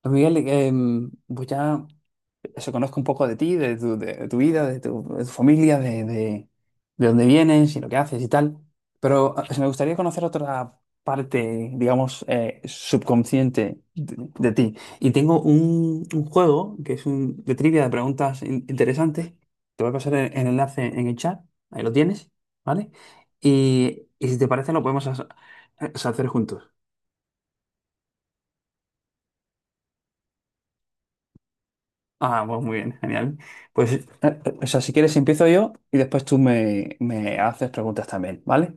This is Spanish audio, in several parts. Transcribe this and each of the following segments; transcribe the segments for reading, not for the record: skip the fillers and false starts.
Pues Miguel, pues ya eso conozco un poco de ti, de tu vida, de tu familia, de dónde vienes y lo que haces y tal. Pero me gustaría conocer otra parte, digamos, subconsciente de ti. Y tengo un juego que es un, de trivia de preguntas interesantes. Te voy a pasar el enlace en el chat, ahí lo tienes, ¿vale? Y si te parece lo podemos hacer juntos. Pues muy bien, genial. O sea, si quieres empiezo yo y después tú me haces preguntas también, ¿vale?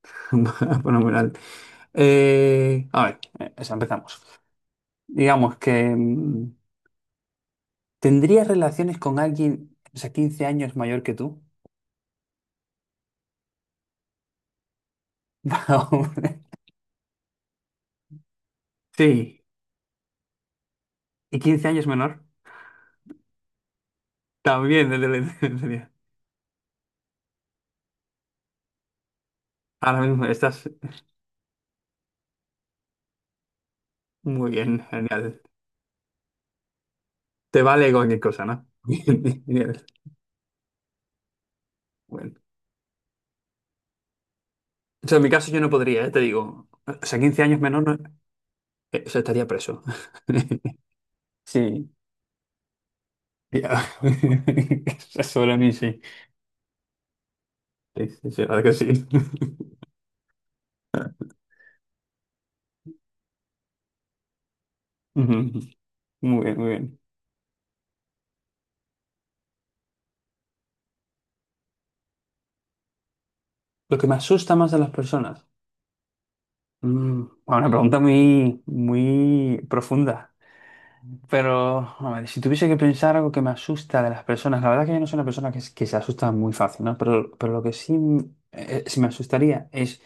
Fenomenal. A ver, o sea, empezamos. Digamos que ¿tendrías relaciones con alguien, o sea, 15 años mayor que tú? Va, hombre. Sí. ¿Y 15 años menor? También, desde la infancia. Ahora mismo estás muy bien, genial. Te vale cualquier cosa, ¿no? Bien, genial. Bueno. O sea, en mi caso yo no podría, ya te digo. O sea, 15 años menor no. Eso estaría preso. Sí. Ya. Sobre mí, sí. Sí, sí, sí, la verdad que sí. Ujú. Muy bien, muy bien. Lo que me asusta más de las personas. Bueno, una pregunta muy, muy profunda. Pero, a ver, si tuviese que pensar algo que me asusta de las personas, la verdad que yo no soy una persona que, que se asusta muy fácil, ¿no? Pero lo que sí sí me asustaría es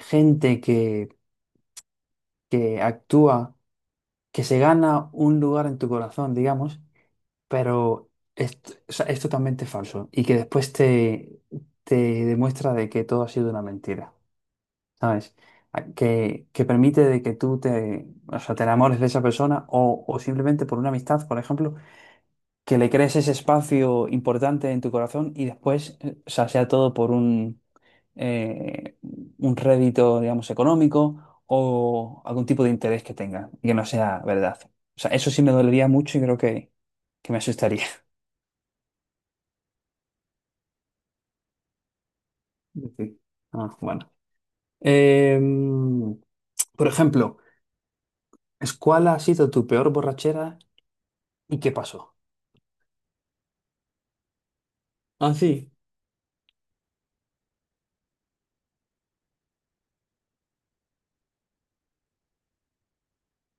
gente que actúa, que se gana un lugar en tu corazón, digamos, pero es, o sea, es totalmente falso y que después te, te demuestra de que todo ha sido una mentira, ¿sabes? Que permite de que tú te, o sea, te enamores de esa persona o simplemente por una amistad, por ejemplo, que le crees ese espacio importante en tu corazón y después, o sea, sea todo por eh, un rédito, digamos, económico o algún tipo de interés que tenga y que no sea verdad. O sea, eso sí me dolería mucho y creo que me asustaría. Sí. Ah, bueno. Em, por ejemplo, ¿cuál ha sido tu peor borrachera y qué pasó? Ah, sí,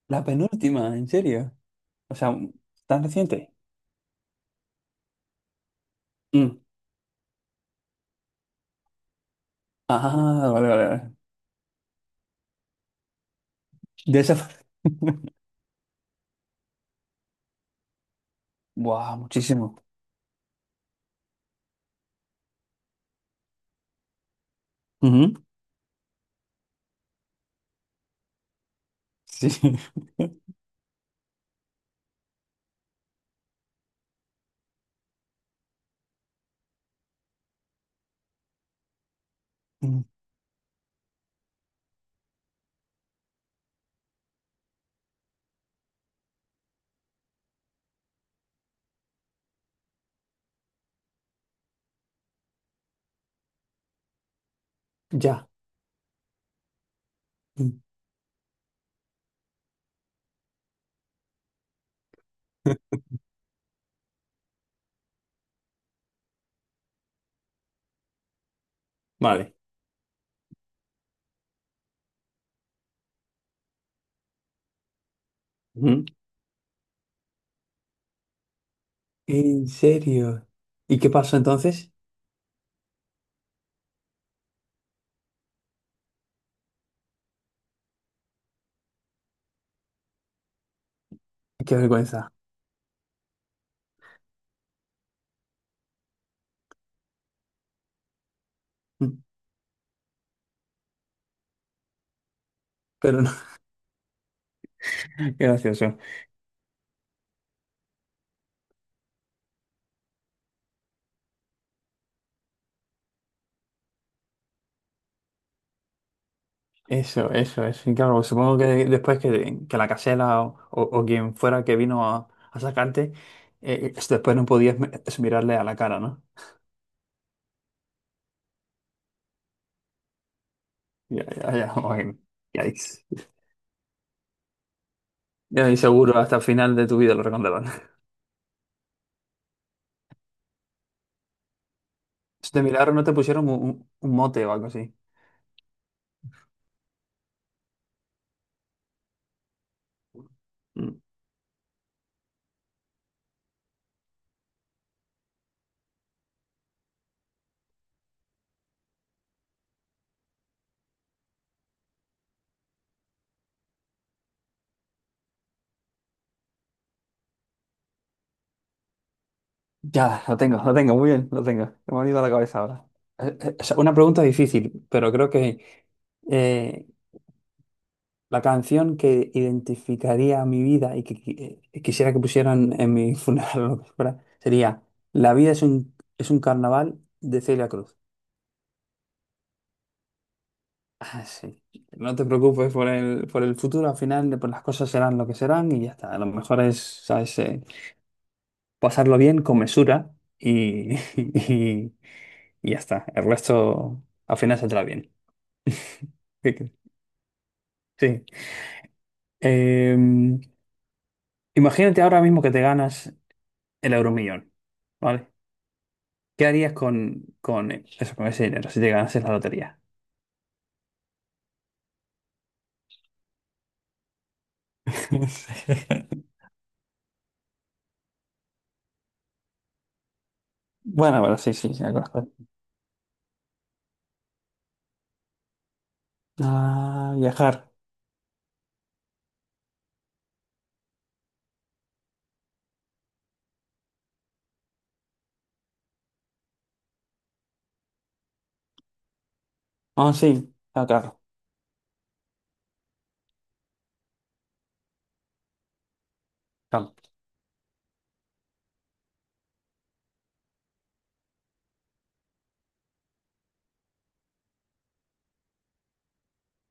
la penúltima, ¿en serio? O sea, ¿tan reciente? Mm, Ah, vale, vale, vale. De esa... Buah, muchísimo. Ujú. Sí. Mm. Ya. Mm. Vale. Ujú. ¿En serio? ¿Y qué pasó entonces? Qué vergüenza. Mm. Pero no. Qué gracioso. Eso, eso, eso. Y claro, supongo que después que la casela o, o quien fuera que vino a sacarte, después no podías mirarle a la cara, ¿no? Ya, ya, ya. Bueno, ya, ya es seguro hasta el final de tu vida lo recordarán. De milagro no te pusieron un mote o algo así. Mm. Ya, lo tengo, muy bien, lo tengo. Me ha venido a la cabeza ahora. O sea, una pregunta difícil, pero creo que eh, la canción que identificaría mi vida y que, quisiera que pusieran en mi funeral o lo que fuera, sería la vida es es un carnaval de Celia Cruz. Ah, sí. No te preocupes por por el futuro, al final pues las cosas serán lo que serán y ya está. A lo mejor es, ¿sabes? Pasarlo bien con mesura y, y, y ya está. El resto al final saldrá bien. ¿Qué crees? Sí. Em, Imagínate ahora mismo que te ganas el Euromillón, ¿vale? ¿Qué harías con eso, con ese dinero si te ganases la lotería? Bueno, pero sí, sí, sí, me conozco. Ah, viajar. Ah, sí, ah, claro, claro.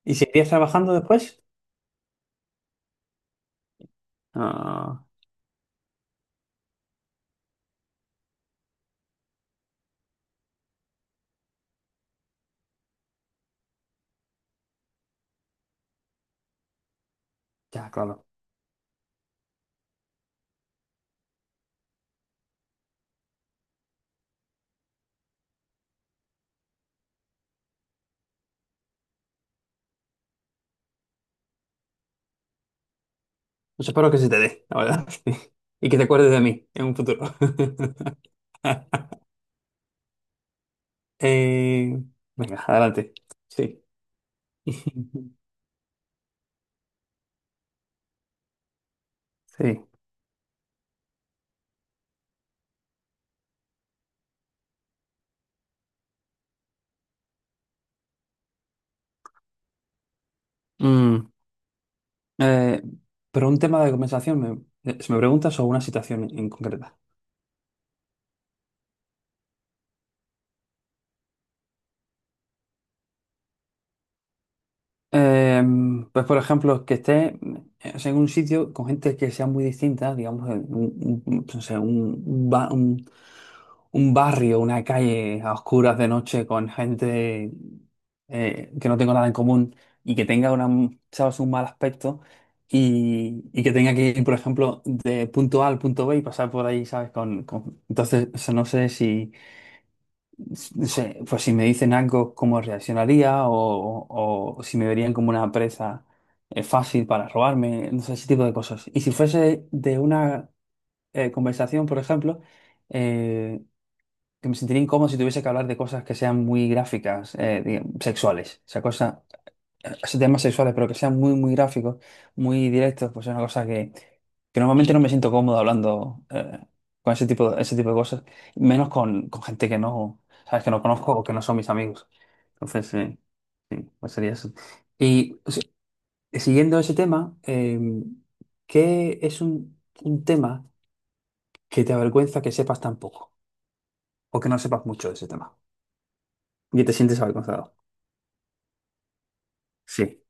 ¿Y seguirías trabajando después? Ah, ya, claro. Pues espero que se te dé, la verdad. Y que te acuerdes de mí en un futuro. Eh, Venga, adelante. Sí. Sí. Mm, eh, pero un tema de conversación, si me preguntas, o una situación en concreta. Pues por ejemplo, que esté o sea, en un sitio con gente que sea muy distinta, digamos, en un, no sé, un, un barrio, una calle a oscuras de noche con gente que no tengo nada en común y que tenga una, ¿sabes?, un mal aspecto y que tenga que ir, por ejemplo, de punto A al punto B y pasar por ahí, ¿sabes? Entonces, o sea, no sé si no sé, pues si me dicen algo, cómo reaccionaría o, o si me verían como una presa fácil para robarme, no sé, ese tipo de cosas. Y si fuese de una conversación, por ejemplo, eh, que me sentiría incómodo si tuviese que hablar de cosas que sean muy gráficas, digamos, sexuales, o sea, cosas esos temas sexuales, pero que sean muy, muy gráficos, muy directos, pues es una cosa que normalmente no me siento cómodo hablando con ese tipo de cosas, menos con gente que no, sabes, que no conozco o que no son mis amigos. Entonces, sí, sí, pues sería eso. Y o sea, siguiendo ese tema, ¿qué es un tema que te avergüenza que sepas tan poco o que no sepas mucho de ese tema y te sientes avergonzado? Sí,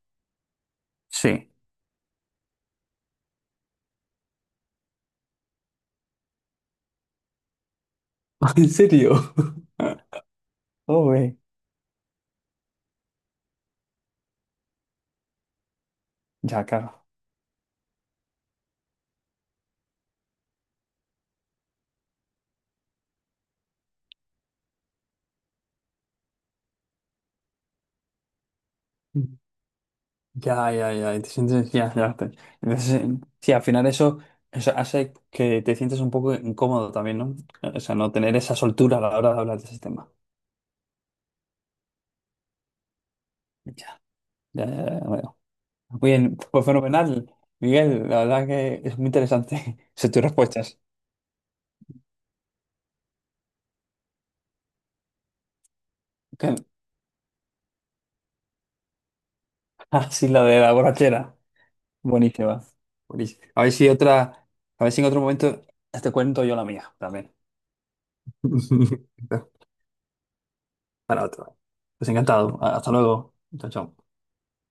sí. ¿En serio? Oh, güey. Ya, claro. Ya, ya, ya, y te sientes, ya, ya. Entonces, sí, al final eso, eso hace que te sientes un poco incómodo también, ¿no? O sea, no tener esa soltura a la hora de hablar de ese tema. Ya, ya, ya, ya, veo. Muy bien, pues fenomenal, Miguel, la verdad que es muy interesante, son tus respuestas. Que- Ah, sí, la de la borrachera. Buenísima. Buenísima. A ver si otra, a ver si en otro momento te cuento yo la mía también. Para otro. Pues encantado. Hasta luego. Chao, chao.